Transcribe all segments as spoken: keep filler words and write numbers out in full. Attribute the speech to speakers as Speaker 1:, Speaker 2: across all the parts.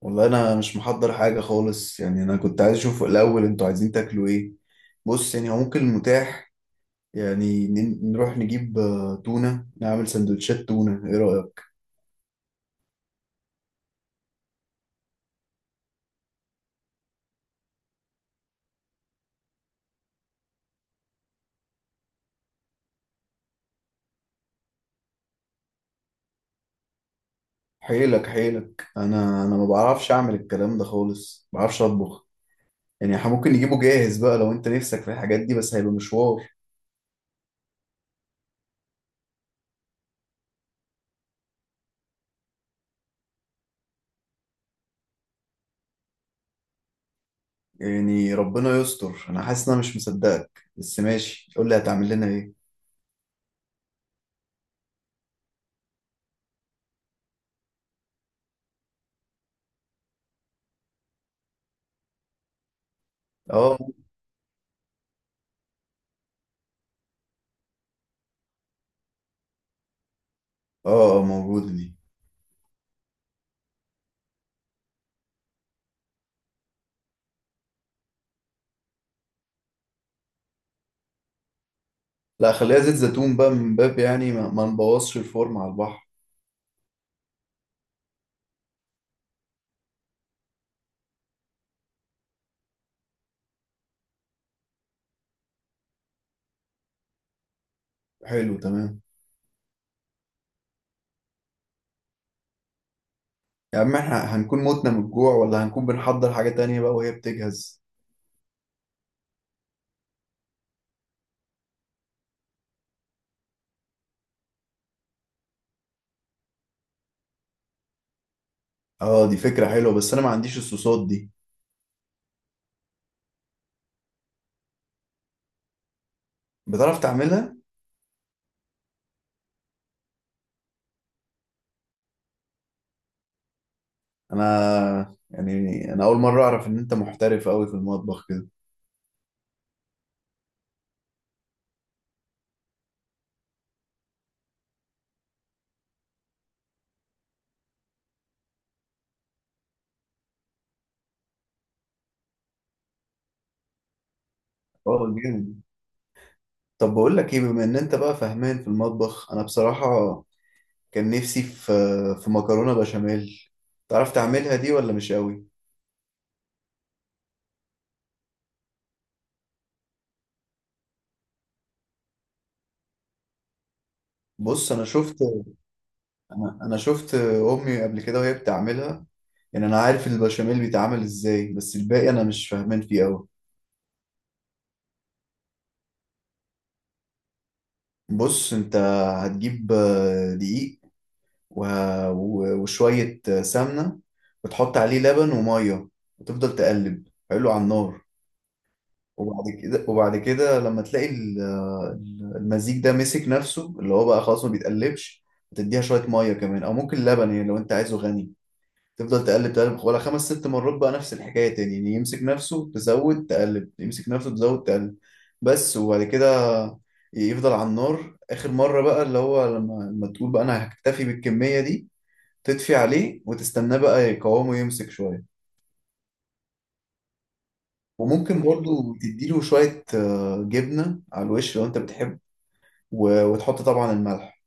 Speaker 1: والله انا مش محضر حاجه خالص. يعني انا كنت عايز اشوف الاول، انتوا عايزين تاكلوا ايه؟ بص، يعني هو ممكن المتاح. يعني ن- نروح نجيب آه، تونه، نعمل سندوتشات تونه، ايه رايك؟ حيلك حيلك، انا انا ما بعرفش اعمل الكلام ده خالص، ما بعرفش اطبخ. يعني إحنا ممكن نجيبه جاهز بقى لو انت نفسك في الحاجات دي، بس هيبقى مشوار. يعني ربنا يستر، انا حاسس ان انا مش مصدقك، بس ماشي، قول لي هتعمل لنا ايه؟ اه، اه، آه، موجوده دي. لا، خليها زيت زيتون بقى، من باب يعني ما, ما نبوظش الفورم على البحر. حلو، تمام. يا عم، احنا هنكون متنا من الجوع، ولا هنكون بنحضر حاجة تانية بقى وهي بتجهز؟ اه، دي فكرة حلوة، بس انا ما عنديش الصوصات دي. بتعرف تعملها؟ انا يعني انا اول مرة اعرف ان انت محترف قوي في المطبخ كده. اه، جامد. طب بقول لك ايه، بما ان انت بقى فاهمان في المطبخ، انا بصراحة كان نفسي في في مكرونة بشاميل. تعرف تعملها دي ولا مش قوي؟ بص، انا شفت انا انا شفت امي قبل كده وهي بتعملها. يعني انا عارف البشاميل بيتعمل ازاي، بس الباقي انا مش فاهمان فيه قوي. بص انت، هتجيب آه، دقيق، وه- و- وشوية آه، سمنة، وتحط عليه لبن ومية، وتفضل تقلب حلو على النار. وبعد كده وبعد كده لما تلاقي ال- ال- المزيج ده مسك نفسه، اللي هو بقى خلاص ما بيتقلبش، هتديها شوية مية كمان او ممكن لبن، يعني لو انت عايزه غني. تفضل تقلب تقلب ولا خمس ست مرات بقى، نفس الحكاية تاني، يعني يمسك نفسه تزود تقلب، يمسك نفسه تزود تقلب. بس. وبعد كده يفضل على النار آخر مرة بقى، اللي هو لما لما تقول بقى أنا هكتفي بالكمية دي، تطفي عليه وتستناه بقى، يقاومه يمسك شوية. وممكن برضو تديله شوية آه، جبنة على الوش لو أنت بتحب. و- وتحط طبعا الملح.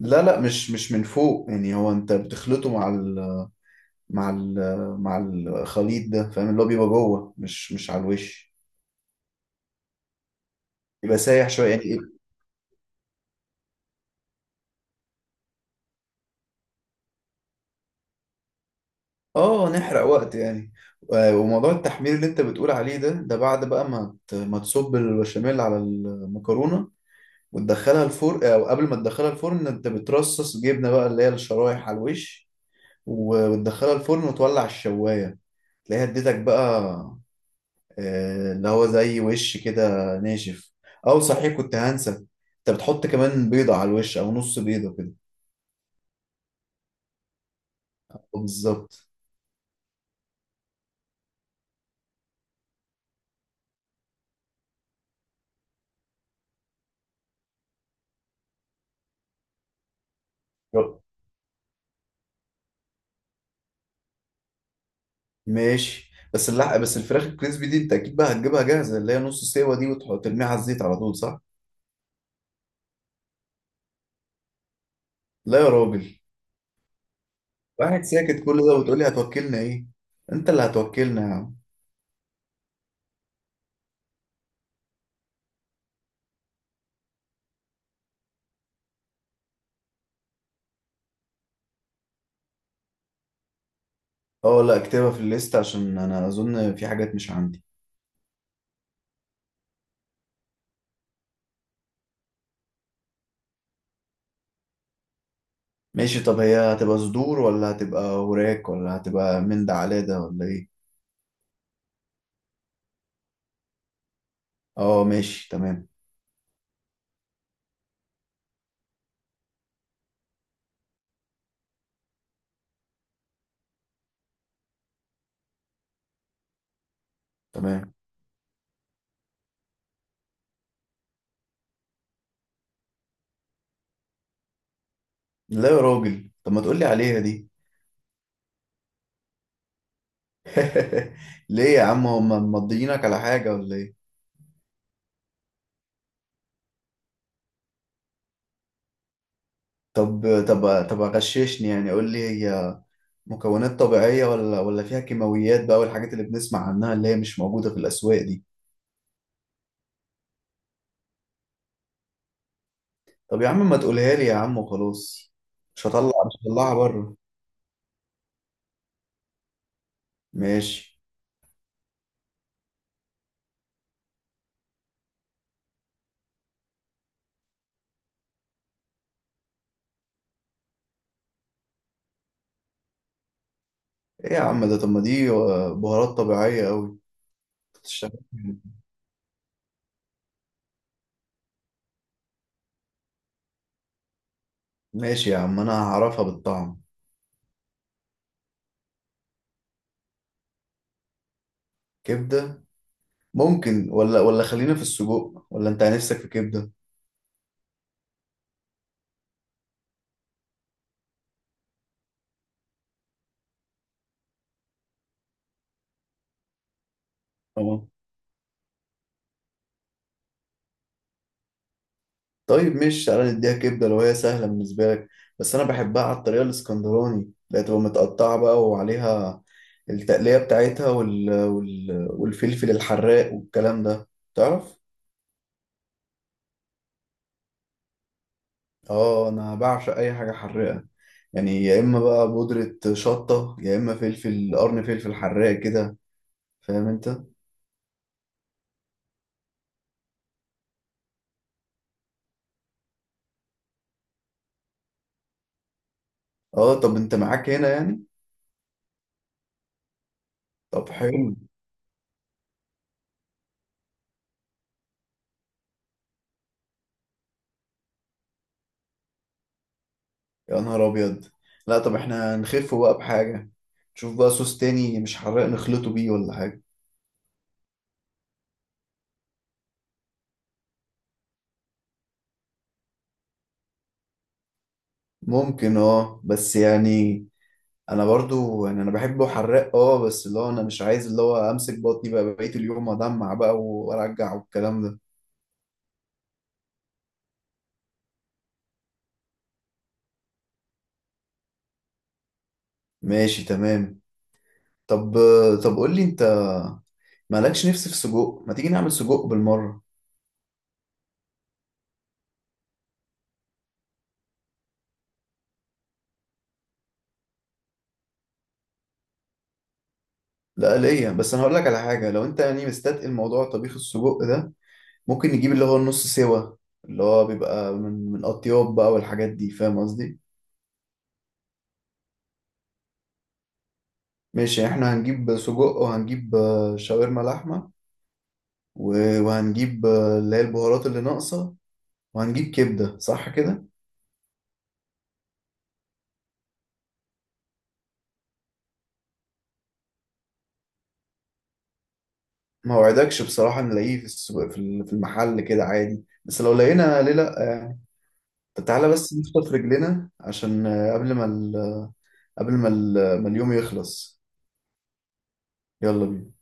Speaker 1: لا، لا، مش مش من فوق. يعني هو أنت بتخلطه مع ال مع ال- مع الخليط ده، فاهم؟ اللي هو بيبقى جوه، مش مش على الوش. يبقى سايح شويه يعني. اه، نحرق وقت يعني. آه، وموضوع التحمير اللي انت بتقول عليه ده ده بعد بقى ما ت- ما تصب البشاميل على المكرونه وتدخلها الفرن، او قبل ما تدخلها الفرن انت بترصص جبنه بقى اللي هي الشرايح على الوش، وتدخلها الفرن وتولع الشوايه، تلاقيها اديتك بقى آه، اللي هو زي وش كده، ناشف. او صحيح كنت هنسى، انت بتحط كمان بيضة على الوش او نص بيضة كده. بالظبط. ماشي، بس اللحق، بس الفراخ الكريسبي دي انت اكيد بقى هتجيبها جاهزة، اللي هي نص سوا دي، وتحط ترميها على الزيت على طول، صح؟ لا يا راجل. واحد ساكت كل ده وتقول لي هتوكلنا ايه؟ انت اللي هتوكلنا يا عم. اه، لا، اكتبها في الليست عشان انا اظن في حاجات مش عندي. ماشي، طب هي هتبقى صدور ولا هتبقى وراك، ولا هتبقى من ده على ده ولا ايه؟ اه، ماشي، تمام. تمام. لا يا راجل، طب ما تقولي عليها دي. ليه يا عم، هم مضيينك على حاجة ولا ايه؟ طب، طب، طب، غششني يعني، قول لي هي مكونات طبيعية ولا ولا فيها كيماويات بقى، والحاجات اللي بنسمع عنها اللي هي مش موجودة في الأسواق دي؟ طب يا عم ما تقولها لي يا عم وخلاص. مش هطلع مش هطلعها بره. ماشي. ايه يا عم، ده طب ما دي بهارات طبيعية أوي. بتشتغل يعني. ماشي يا عم، انا هعرفها بالطعم. كبدة؟ ممكن، ولا ولا خلينا في السجق، ولا انت نفسك في كبدة؟ اه، طيب، مش تعالى نديها كبده لو هي سهله بالنسبه لك. بس انا بحبها على الطريقه الاسكندراني، اللي هتبقى متقطعه بقى، وعليها التقليه بتاعتها، وال... وال... والفلفل الحراق والكلام ده، تعرف. اه، انا بعشق اي حاجه حراقه. يعني يا اما بقى بودره شطه، يا اما فلفل قرن، فلفل حراق كده، فاهم انت؟ اه، طب انت معاك هنا يعني. طب، حلو. يا نهار ابيض. لا، طب احنا نخف بقى بحاجه، نشوف بقى صوص تاني مش حراق نخلطه بيه ولا حاجه. ممكن، اه، بس يعني انا برضو، يعني انا بحبه حراق، اه، بس اللي هو انا مش عايز اللي هو امسك بطني بقى بقية اليوم، ادمع بقى وارجع والكلام ده. ماشي، تمام. طب، طب، قول لي انت، مالكش نفس في سجق؟ ما تيجي نعمل سجق بالمرة. لا، ليا، بس انا هقول لك على حاجة. لو انت يعني مستثقل الموضوع طبيخ السجق ده، ممكن نجيب اللي هو النص سوا، اللي هو بيبقى من من اطياب بقى والحاجات دي، فاهم قصدي؟ ماشي، احنا هنجيب سجق، وهنجيب آه، شاورما لحمة، و- وهنجيب آه، اللي هي البهارات اللي ناقصة، وهنجيب كبدة، صح كده؟ ما وعدكش بصراحة نلاقيه في السوق، في ال- في المحل كده عادي، بس لو لقينا ليه لأ يعني. طب تعالى بس نفطر في رجلنا عشان آه، قبل ما ال... قبل ما ال... ما اليوم يخلص. يلا بينا.